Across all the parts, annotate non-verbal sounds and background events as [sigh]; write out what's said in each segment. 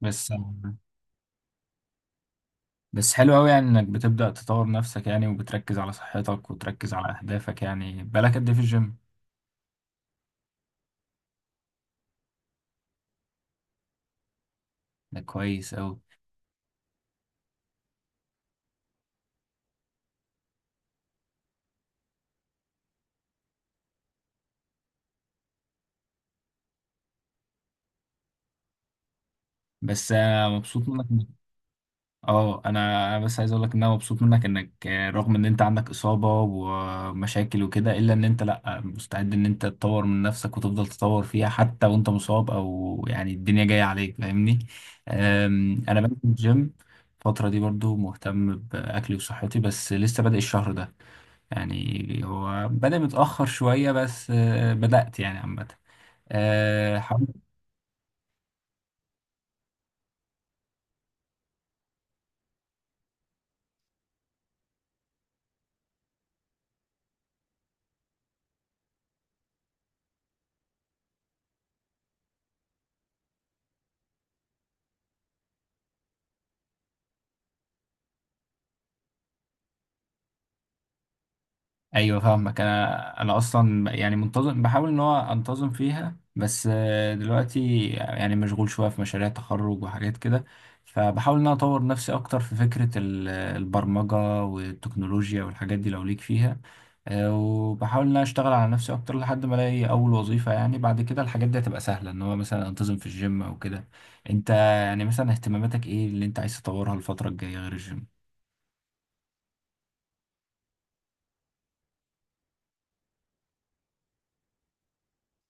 بس بس حلو قوي، يعني انك بتبدأ تطور نفسك، يعني وبتركز على صحتك وتركز على اهدافك. يعني بالك قد ايه في الجيم؟ ده كويس قوي. بس انا مبسوط منك اه انا بس عايز اقول لك ان انا مبسوط منك انك رغم ان انت عندك اصابة ومشاكل وكده، الا ان انت لا مستعد ان انت تطور من نفسك وتفضل تطور فيها حتى وانت مصاب او يعني الدنيا جاية عليك، فاهمني؟ انا بنزل الجيم الفترة دي، برضو مهتم بأكلي وصحتي بس لسه بادئ الشهر ده. يعني هو بدأ متأخر شوية بس بدأت يعني، عامة حاولت. ايوه فاهمك، انا اصلا يعني منتظم، بحاول ان هو انتظم فيها بس دلوقتي يعني مشغول شويه في مشاريع تخرج وحاجات كده. فبحاول ان انا اطور نفسي اكتر في فكره البرمجه والتكنولوجيا والحاجات دي لو ليك فيها. وبحاول ان انا اشتغل على نفسي اكتر لحد ما الاقي اول وظيفه، يعني بعد كده الحاجات دي هتبقى سهله ان هو مثلا انتظم في الجيم او كده. انت يعني مثلا اهتماماتك ايه اللي انت عايز تطورها الفتره الجايه غير الجيم؟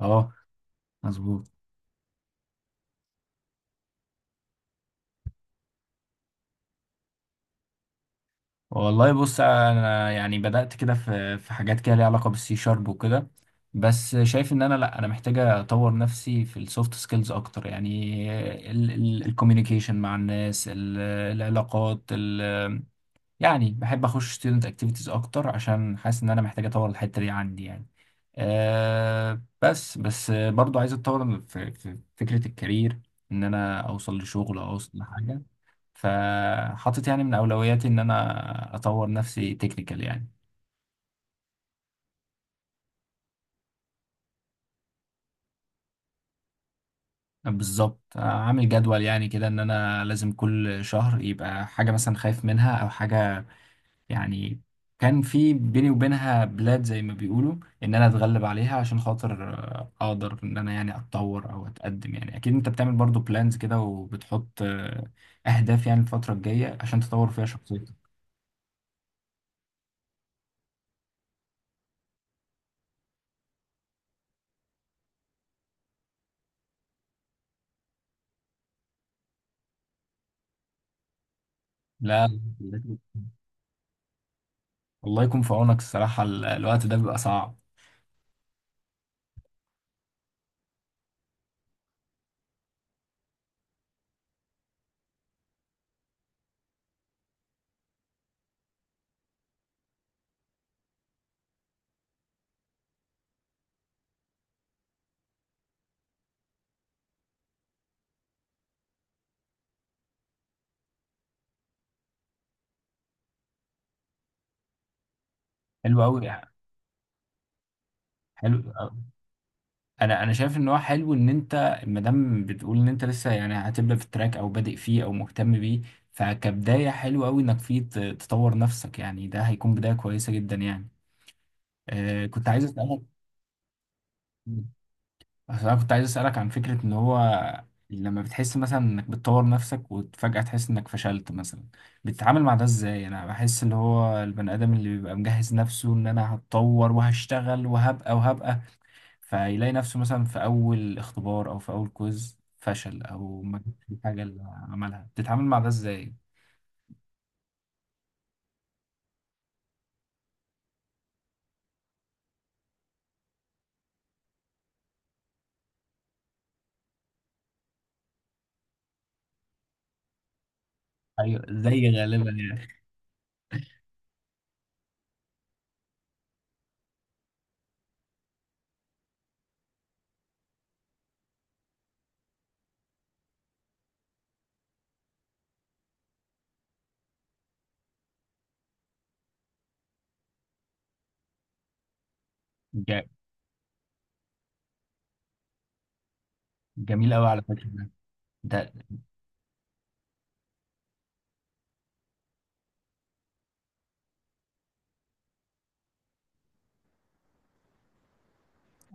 اه، مظبوط. والله بص، انا يعني بدأت كده في حاجات كده ليها علاقة بالسي شارب وكده. بس شايف ان انا، لا، انا محتاج اطور نفسي في السوفت سكيلز اكتر يعني. الكوميونيكيشن مع الناس العلاقات. يعني بحب اخش ستودنت اكتيفيتيز اكتر عشان حاسس ان انا محتاج اطور الحته دي عندي يعني. بس برضو عايز اتطور في فكره الكارير، ان انا اوصل لشغل او اوصل لحاجه. فحاطط يعني من اولوياتي ان انا اطور نفسي تكنيكال يعني. بالظبط، عامل جدول يعني كده ان انا لازم كل شهر يبقى حاجه مثلا خايف منها، او حاجه يعني كان في بيني وبينها بلاد زي ما بيقولوا، ان انا اتغلب عليها عشان خاطر اقدر ان انا يعني اتطور او اتقدم. يعني اكيد انت بتعمل برضو بلانز كده، وبتحط اهداف يعني الفترة الجاية عشان تطور فيها شخصيتك. لا، الله يكون في عونك الصراحة، الوقت ده بيبقى صعب. حلو قوي. حلو. انا شايف ان هو حلو ان انت ما دام بتقول ان انت لسه يعني هتبدا في التراك او بادئ فيه او مهتم بيه. فكبدايه حلو قوي انك فيه تطور نفسك يعني، ده هيكون بدايه كويسه جدا يعني. كنت عايز اسالك. أصل انا كنت عايز اسالك عن فكره ان هو لما بتحس مثلا انك بتطور نفسك وفجاه تحس انك فشلت مثلا، بتتعامل مع ده ازاي؟ انا بحس اللي هو البني ادم اللي بيبقى مجهز نفسه ان انا هتطور وهشتغل وهبقى وهبقى، فيلاقي نفسه مثلا في أول اختبار أو في أول كويز فشل، أو ما جابش الحاجة اللي عملها، بتتعامل مع ده إزاي؟ أيوه، زي غالبا يعني. ج- جميل أوي على فكرة ده. ده-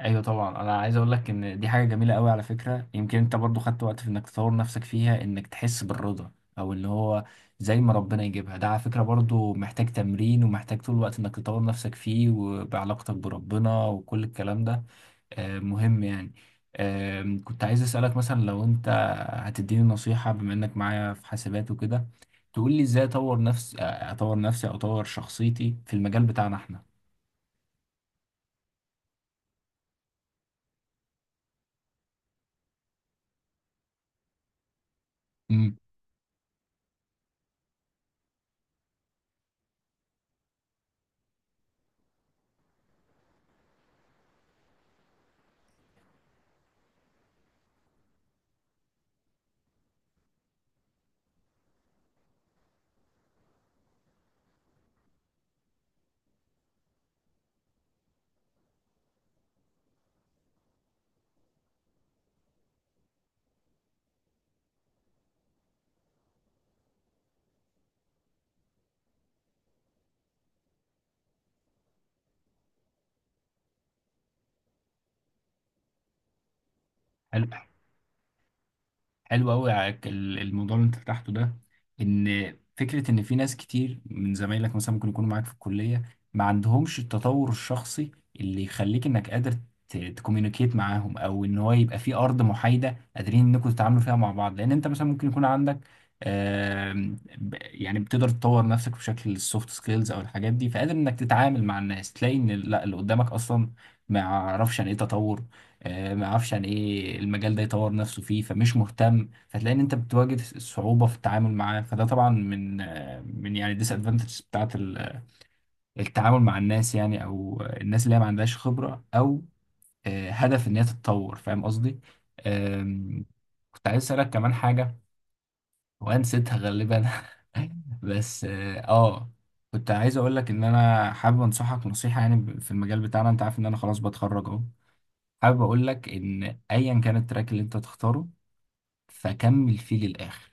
أيوه طبعا، أنا عايز أقول لك إن دي حاجة جميلة أوي على فكرة. يمكن أنت برضو خدت وقت في إنك تطور نفسك فيها، إنك تحس بالرضا، أو اللي هو زي ما ربنا يجيبها. ده على فكرة برضو محتاج تمرين، ومحتاج طول الوقت إنك تطور نفسك فيه، وبعلاقتك بربنا وكل الكلام ده. مهم يعني. كنت عايز أسألك مثلا لو أنت هتديني نصيحة، بما إنك معايا في حاسبات وكده، تقول لي إزاي أطور نفسي، أطور نفسي أو أطور شخصيتي في المجال بتاعنا إحنا. مم. حلو. حلو قوي. الموضوع اللي انت فتحته ده، ان فكره ان في ناس كتير من زمايلك مثلا ممكن يكونوا معاك في الكليه، ما عندهمش التطور الشخصي اللي يخليك انك قادر تكوميونيكيت معاهم، او ان هو يبقى في ارض محايده قادرين انكم تتعاملوا فيها مع بعض. لان انت مثلا ممكن يكون عندك يعني بتقدر تطور نفسك بشكل السوفت سكيلز او الحاجات دي، فقادر انك تتعامل مع الناس، تلاقي ان لا اللي قدامك اصلا ما يعرفش عن ايه تطور. ما يعرفش عن ايه المجال ده يطور نفسه فيه، فمش مهتم، فتلاقي ان انت بتواجه صعوبة في التعامل معاه. فده طبعا من من يعني الديس ادفانتجز بتاعت التعامل مع الناس يعني، او الناس اللي هي ما عندهاش خبرة او هدف ان هي تتطور، فاهم قصدي؟ آم، كنت عايز اسالك كمان حاجة وانا نسيتها غالبا، [laughs] بس آه، كنت عايز اقول لك ان انا حابب انصحك نصيحة يعني في المجال بتاعنا. انت عارف ان انا خلاص بتخرج اهو. حابب اقول لك ان ايا كان التراك اللي انت تختاره، فكمل فيه للاخر.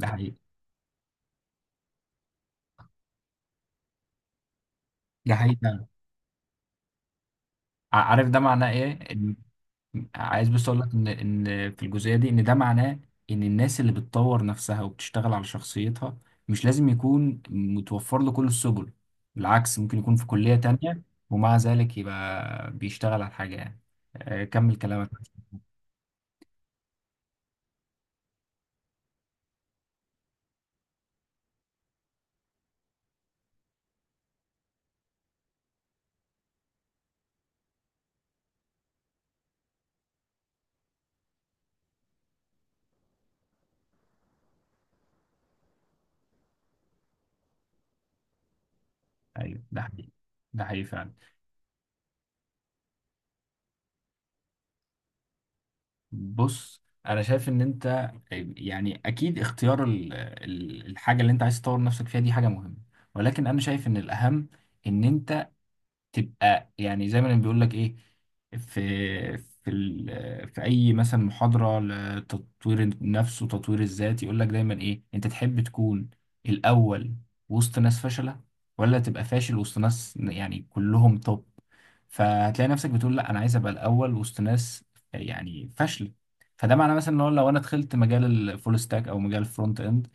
ده حقيقي. ده حقيقي فعلا. عارف ده معناه ايه، ان عايز بس اقول لك ان في الجزئيه دي، ان ده معناه ان الناس اللي بتطور نفسها وبتشتغل على شخصيتها، مش لازم يكون متوفر له كل السبل. بالعكس، ممكن يكون في كليه تانية ومع ذلك يبقى بيشتغل على حاجه يعني. كمل كلامك. ايوه، ده حقيقي. ده حقيقي فعلا. بص انا شايف ان انت يعني اكيد اختيار الحاجه اللي انت عايز تطور نفسك فيها دي حاجه مهمه. ولكن انا شايف ان الاهم ان انت تبقى يعني زي ما بيقول لك ايه، في في اي مثلا محاضره لتطوير النفس وتطوير الذات يقول لك دايما ايه، انت تحب تكون الاول وسط ناس فاشله، ولا تبقى فاشل وسط ناس يعني كلهم توب؟ فهتلاقي نفسك بتقول لا، انا عايز ابقى الاول وسط ناس يعني فاشله. فده معناه مثلا ان هو لو انا دخلت مجال الفول ستاك او مجال الفرونت اند،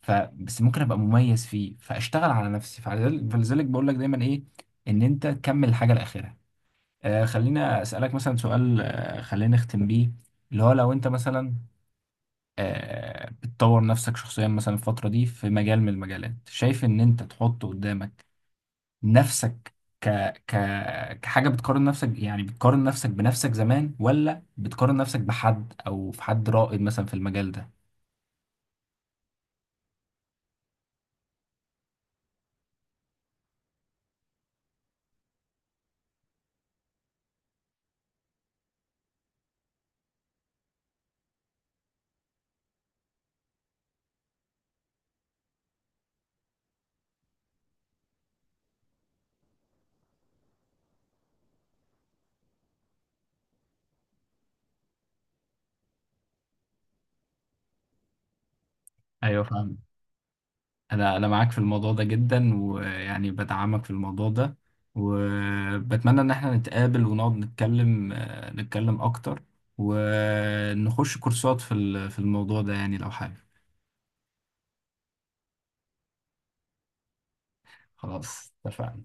فبس ممكن ابقى مميز فيه، فاشتغل على نفسي، فلذلك بقول لك دايما ايه، ان انت تكمل الحاجه لاخرها. خلينا اسالك مثلا سؤال، خلينا نختم بيه، اللي هو لو انت مثلا بتطور نفسك شخصيا مثلا الفتره دي في مجال من المجالات، شايف ان انت تحط قدامك نفسك ك... ك... كحاجة بتقارن نفسك، يعني بتقارن نفسك بنفسك زمان ولا بتقارن نفسك بحد أو في حد رائد مثلا في المجال ده؟ أيوة، فاهم. أنا معاك في الموضوع ده جدا ويعني بدعمك في الموضوع ده. وبتمنى إن احنا نتقابل ونقعد نتكلم أكتر ونخش كورسات في الموضوع ده يعني لو حابب. خلاص، اتفقنا.